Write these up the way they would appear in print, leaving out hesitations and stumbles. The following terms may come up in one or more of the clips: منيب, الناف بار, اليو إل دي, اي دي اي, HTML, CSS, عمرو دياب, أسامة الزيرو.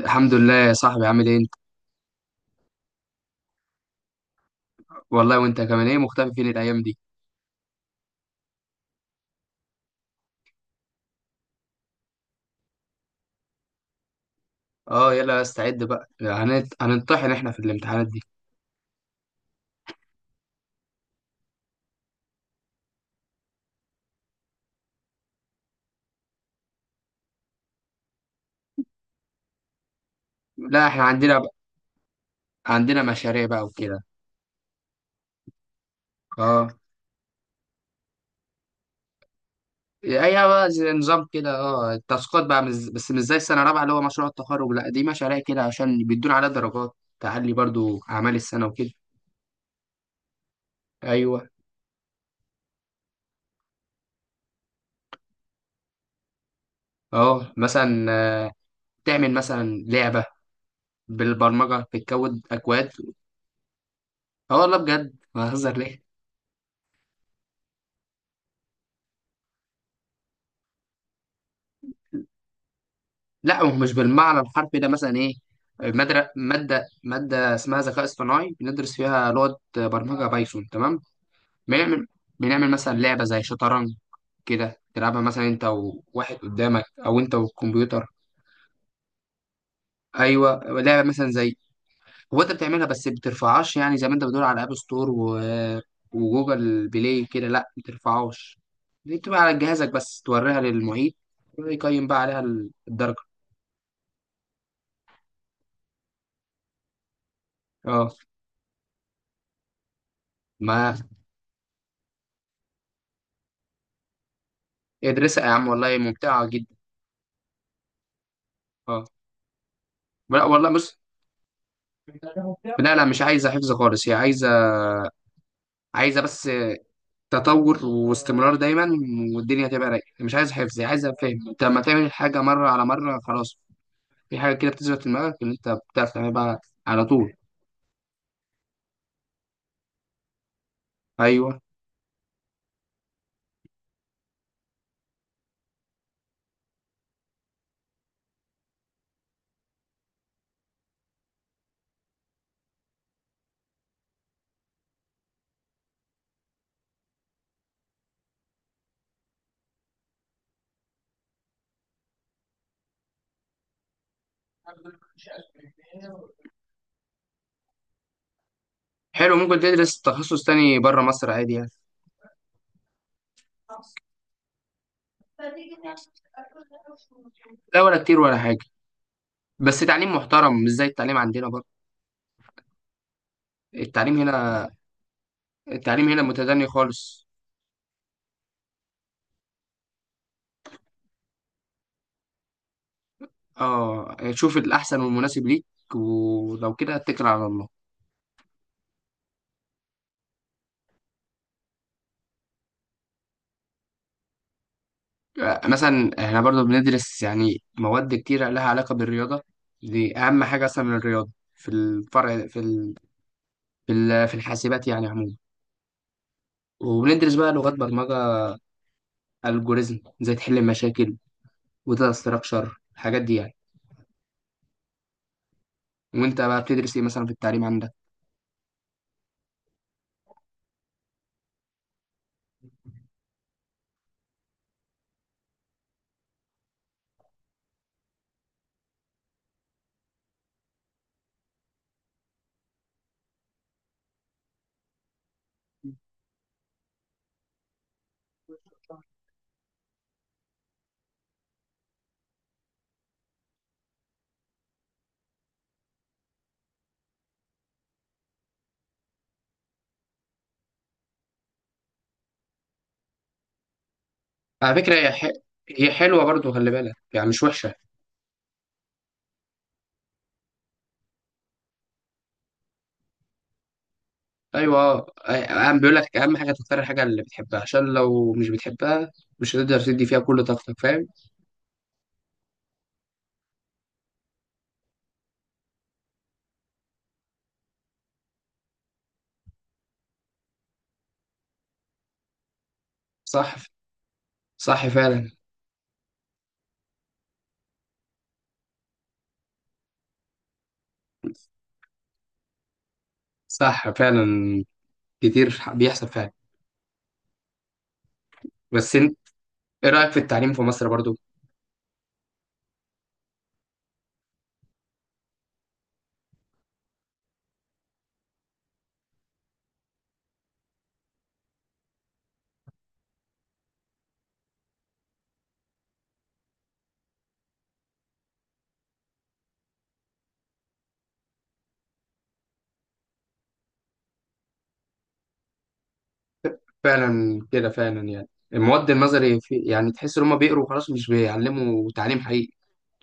الحمد لله يا صاحبي، عامل ايه انت؟ والله وانت كمان. ايه مختفي فين الايام دي؟ اه، يلا استعد بقى. هنطحن احنا في الامتحانات دي. لا، احنا عندنا بقى، عندنا مشاريع بقى وكده. اه. ايوه بقى، زي نظام كده، اه التاسكات بقى بس مش زي السنه الرابعه اللي هو مشروع التخرج. لا، دي مشاريع كده عشان بيدونا عليها درجات تعلي برضو اعمال السنه وكده. ايوه. اه مثلا، تعمل مثلا لعبه بالبرمجه، بتكود اكواد. اه والله بجد، ما بهزر ليه. لا، هو مش بالمعنى الحرفي ده. مثلا ايه، مادة اسمها ذكاء اصطناعي بندرس فيها لغة برمجة بايثون، تمام. بنعمل بنعمل مثلا لعبة زي شطرنج كده، تلعبها مثلا انت وواحد قدامك او انت والكمبيوتر. ايوه لعبة مثلا زي، هو انت بتعملها بس بترفعهاش، يعني زي ما انت بتقول على اب ستور وجوجل بلاي كده. لا بترفعهاش، دي بتبقى على جهازك بس توريها للمعيد يقيم بقى عليها الدرجة. اه. ما ادرسها يا عم، والله ممتعة جدا. اه، لا والله بص. لا لا مش عايزه حفظ خالص، هي عايزه، عايزه تطور واستمرار دايما، والدنيا هتبقى رايقه. مش عايزه حفظ، هي عايزه فهم. انت لما تعمل الحاجه مره على مره، خلاص في حاجه كده بتثبت في دماغك ان انت بتعرف تعملها بقى على طول. ايوه. حلو، ممكن تدرس تخصص تاني بره مصر عادي يعني. لا ولا كتير ولا حاجه، بس تعليم محترم مش زي التعليم عندنا برضه. التعليم هنا، التعليم هنا متدني خالص. اه شوف الاحسن والمناسب ليك، ولو كده اتكل على الله. مثلا احنا برضو بندرس يعني مواد كتيرة لها علاقة بالرياضة، دي أهم حاجة أصلا من الرياضة في الفرع في في الحاسبات يعني عموما. وبندرس بقى لغات برمجة، الجوريزم ازاي تحل المشاكل، وداتا ستراكشر، الحاجات دي يعني. وانت بقى بتدرس ايه مثلا في التعليم عندك؟ على فكرة هي حلوة برضو، خلي بالك يعني مش وحشة. أيوة. أهم بيقول لك، أهم حاجة تختار الحاجة اللي بتحبها، عشان لو مش بتحبها مش هتقدر تدي فيها كل طاقتك، فاهم. صح. صح فعلا. صح فعلا، كتير بيحصل فعلا. بس انت ايه رأيك في التعليم في مصر برضو؟ فعلا كده فعلا يعني، المواد النظري في يعني تحس ان هم بيقروا وخلاص مش بيعلموا تعليم حقيقي.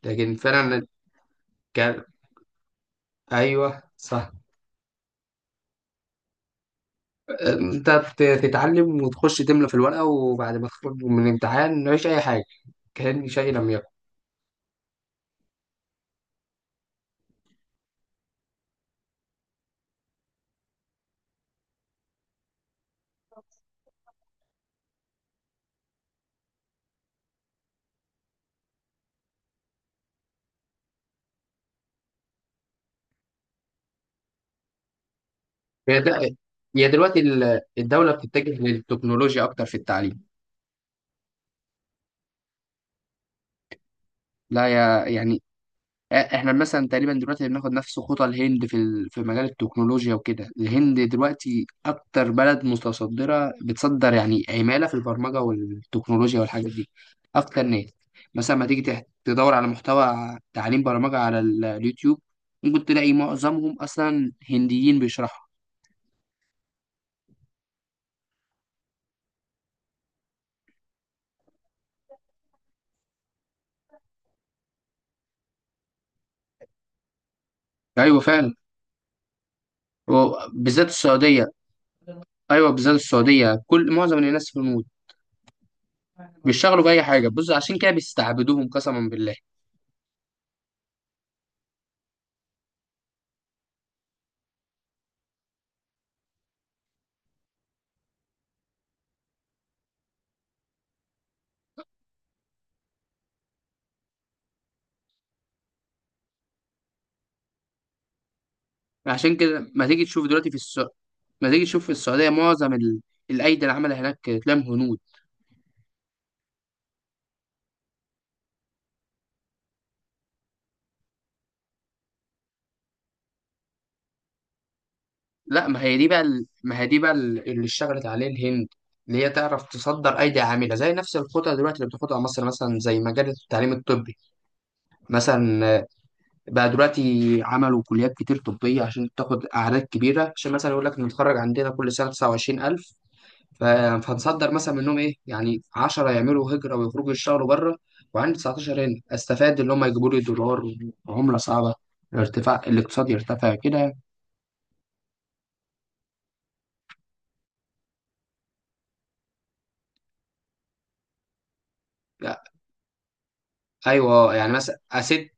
لكن فعلا، ك... ايوه صح. انت تتعلم وتخش تملى في الورقة، وبعد ما تخرج من الامتحان مفيش اي حاجة، كأن شيء لم يكن. هي د- هي دلوقتي الدولة بتتجه للتكنولوجيا اكتر في التعليم. لا يا يعني، احنا مثلا تقريبا دلوقتي بناخد نفس خطى الهند في في مجال التكنولوجيا وكده. الهند دلوقتي اكتر بلد متصدره، بتصدر يعني عماله في البرمجه والتكنولوجيا والحاجات دي. اكتر ناس مثلا ما تيجي تدور على محتوى تعليم برمجه على اليوتيوب، ممكن تلاقي معظمهم اصلا هنديين بيشرحوا. ايوه فعلا، و- بالذات السعوديه. ايوه بالذات السعوديه، كل معظم الناس في الهنود بيشتغلوا باي حاجه، بص عشان كده بيستعبدوهم قسما بالله. عشان كده ما تيجي تشوف دلوقتي في السعودية، ما تيجي تشوف في السعودية معظم الأيدي العاملة هناك تلاقيهم هنود. لا، ما هي دي بقى ال... ما هي دي بقى اللي اشتغلت عليه الهند، اللي هي تعرف تصدر أيدي عاملة. زي نفس الخطة دلوقتي اللي بتاخدها مصر، مثلا زي مجال التعليم الطبي. مثلا بقى دلوقتي عملوا كليات كتير طبية عشان تاخد أعداد كبيرة، عشان مثلا يقول لك نتخرج عندنا كل سنة 29,000. ف- فهتصدر مثلا منهم ايه يعني 10 يعملوا هجره ويخرجوا يشتغلوا بره، وعندي 19 هنا استفاد اللي هم يجيبوا لي دولار، عمله صعبه، الارتفاع الاقتصاد يرتفع كده. ايوه يعني، مثلا اسد،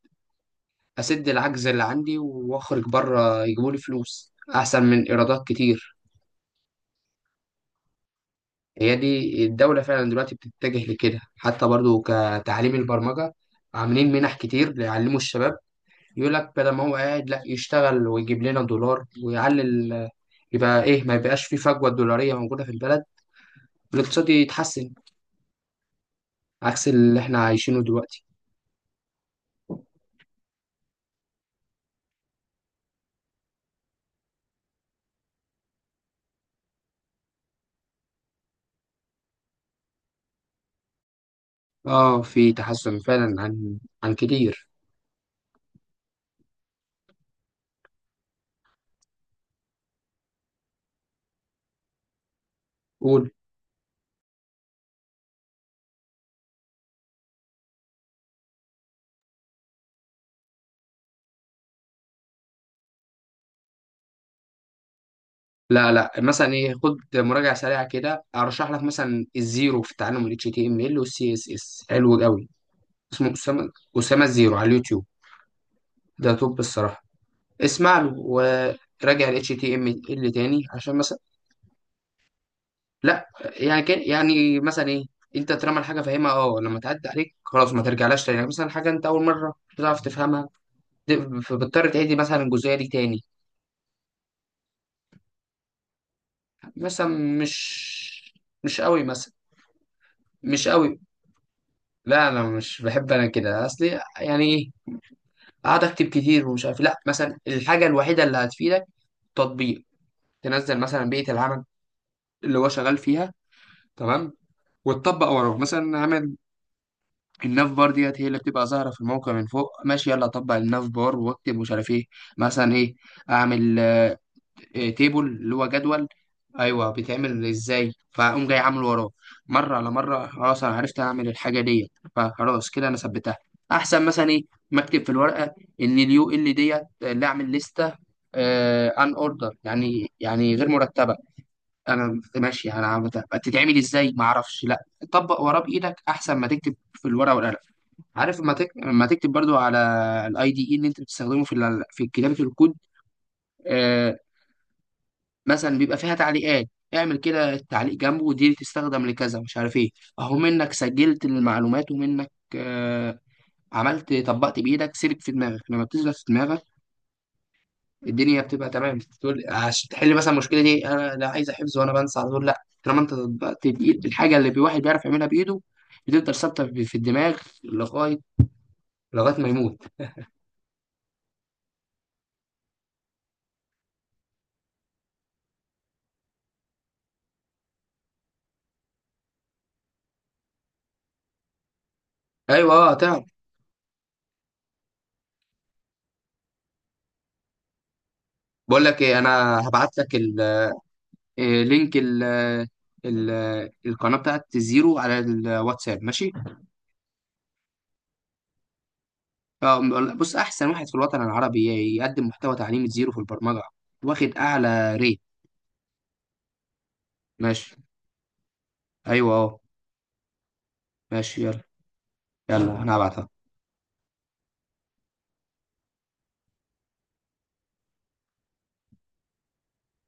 اسد العجز اللي عندي، واخرج بره يجيبوا لي فلوس احسن من ايرادات كتير. هي دي الدوله فعلا دلوقتي بتتجه لكده، حتى برضو كتعليم البرمجه عاملين منح كتير ليعلموا الشباب. يقول لك بدل ما هو قاعد لا يشتغل ويجيب لنا دولار ويعلي يبقى ايه، ما يبقاش في فجوة دولارية موجودة في البلد، والاقتصاد يتحسن، عكس اللي احنا عايشينه دلوقتي. اه في تحسن فعلا، عن كتير. قول. لا لا مثلا ايه، خد مراجعة سريعة كده، ارشح لك مثلا الزيرو في تعلم ال HTML وال CSS، حلو قوي. اسمه اسامة، اسامة الزيرو على اليوتيوب، ده توب الصراحة. اسمع له وراجع ال HTML تاني، عشان مثلا، لا يعني كان يعني مثلا ايه، انت طالما الحاجه فاهمها اه لما تعدي عليك خلاص ما ترجعلاش تاني. يعني مثلا حاجه انت اول مره بتعرف تفهمها، فبتضطر تعيد مثلا الجزئيه دي تاني. مثلا مش، مش قوي مثلا، مش قوي، لا انا مش بحب. انا كده اصلي يعني ايه، اقعد اكتب كتير ومش عارف إيه. لا، مثلا الحاجه الوحيده اللي هتفيدك تطبيق، تنزل مثلا بيئه العمل اللي هو شغال فيها، تمام؟ وتطبق وراه. مثلا عامل الناف بار ديت هي اللي بتبقى ظاهرة في الموقع من فوق، ماشي يلا أطبق الناف بار وأكتب مش عارف إيه. مثلا إيه، أعمل إيه، تيبل اللي هو جدول. أيوه بيتعمل إزاي؟ فأقوم جاي عامله وراه، مرة على مرة خلاص أنا عرفت أعمل الحاجة ديت، فخلاص كده أنا ثبتها. أحسن مثلا إيه مكتب في الورقة، إن اليو إل ديت اللي أعمل لستة أن أوردر يعني، يعني غير مرتبة. انا ماشي انا بتتعمل ازاي، ما اعرفش. لا، طبق وراه بايدك احسن ما تكتب في الورقه والقلم. عارف لما لما تكتب برضو على الاي دي اي اللي انت بتستخدمه في في كتابه الكود، آه، مثلا بيبقى فيها تعليقات، اعمل كده تعليق جنبه ودي تستخدم لكذا مش عارف ايه. اهو منك سجلت المعلومات، ومنك آه عملت، طبقت بايدك، سيبك في دماغك، لما بتثبت في دماغك الدنيا بتبقى تمام. تقول عشان تحل مثلا المشكله دي، انا لا عايزه حفظ وانا بنسى على طول. لا، طالما انت طبقت بايد، الحاجه اللي الواحد بيعرف يعملها بايده بتفضل ثابته في الدماغ، لغايه، ما يموت. ايوه اه. بقول لك ايه، انا هبعت لك إيه، لينك ال القناه بتاعت زيرو على الواتساب، ماشي. آه، بص احسن واحد في الوطن العربي يقدم محتوى تعليمي زيرو في البرمجه، واخد اعلى ريت. ماشي. ايوه اه. ماشي يلا. يلا انا هبعتها.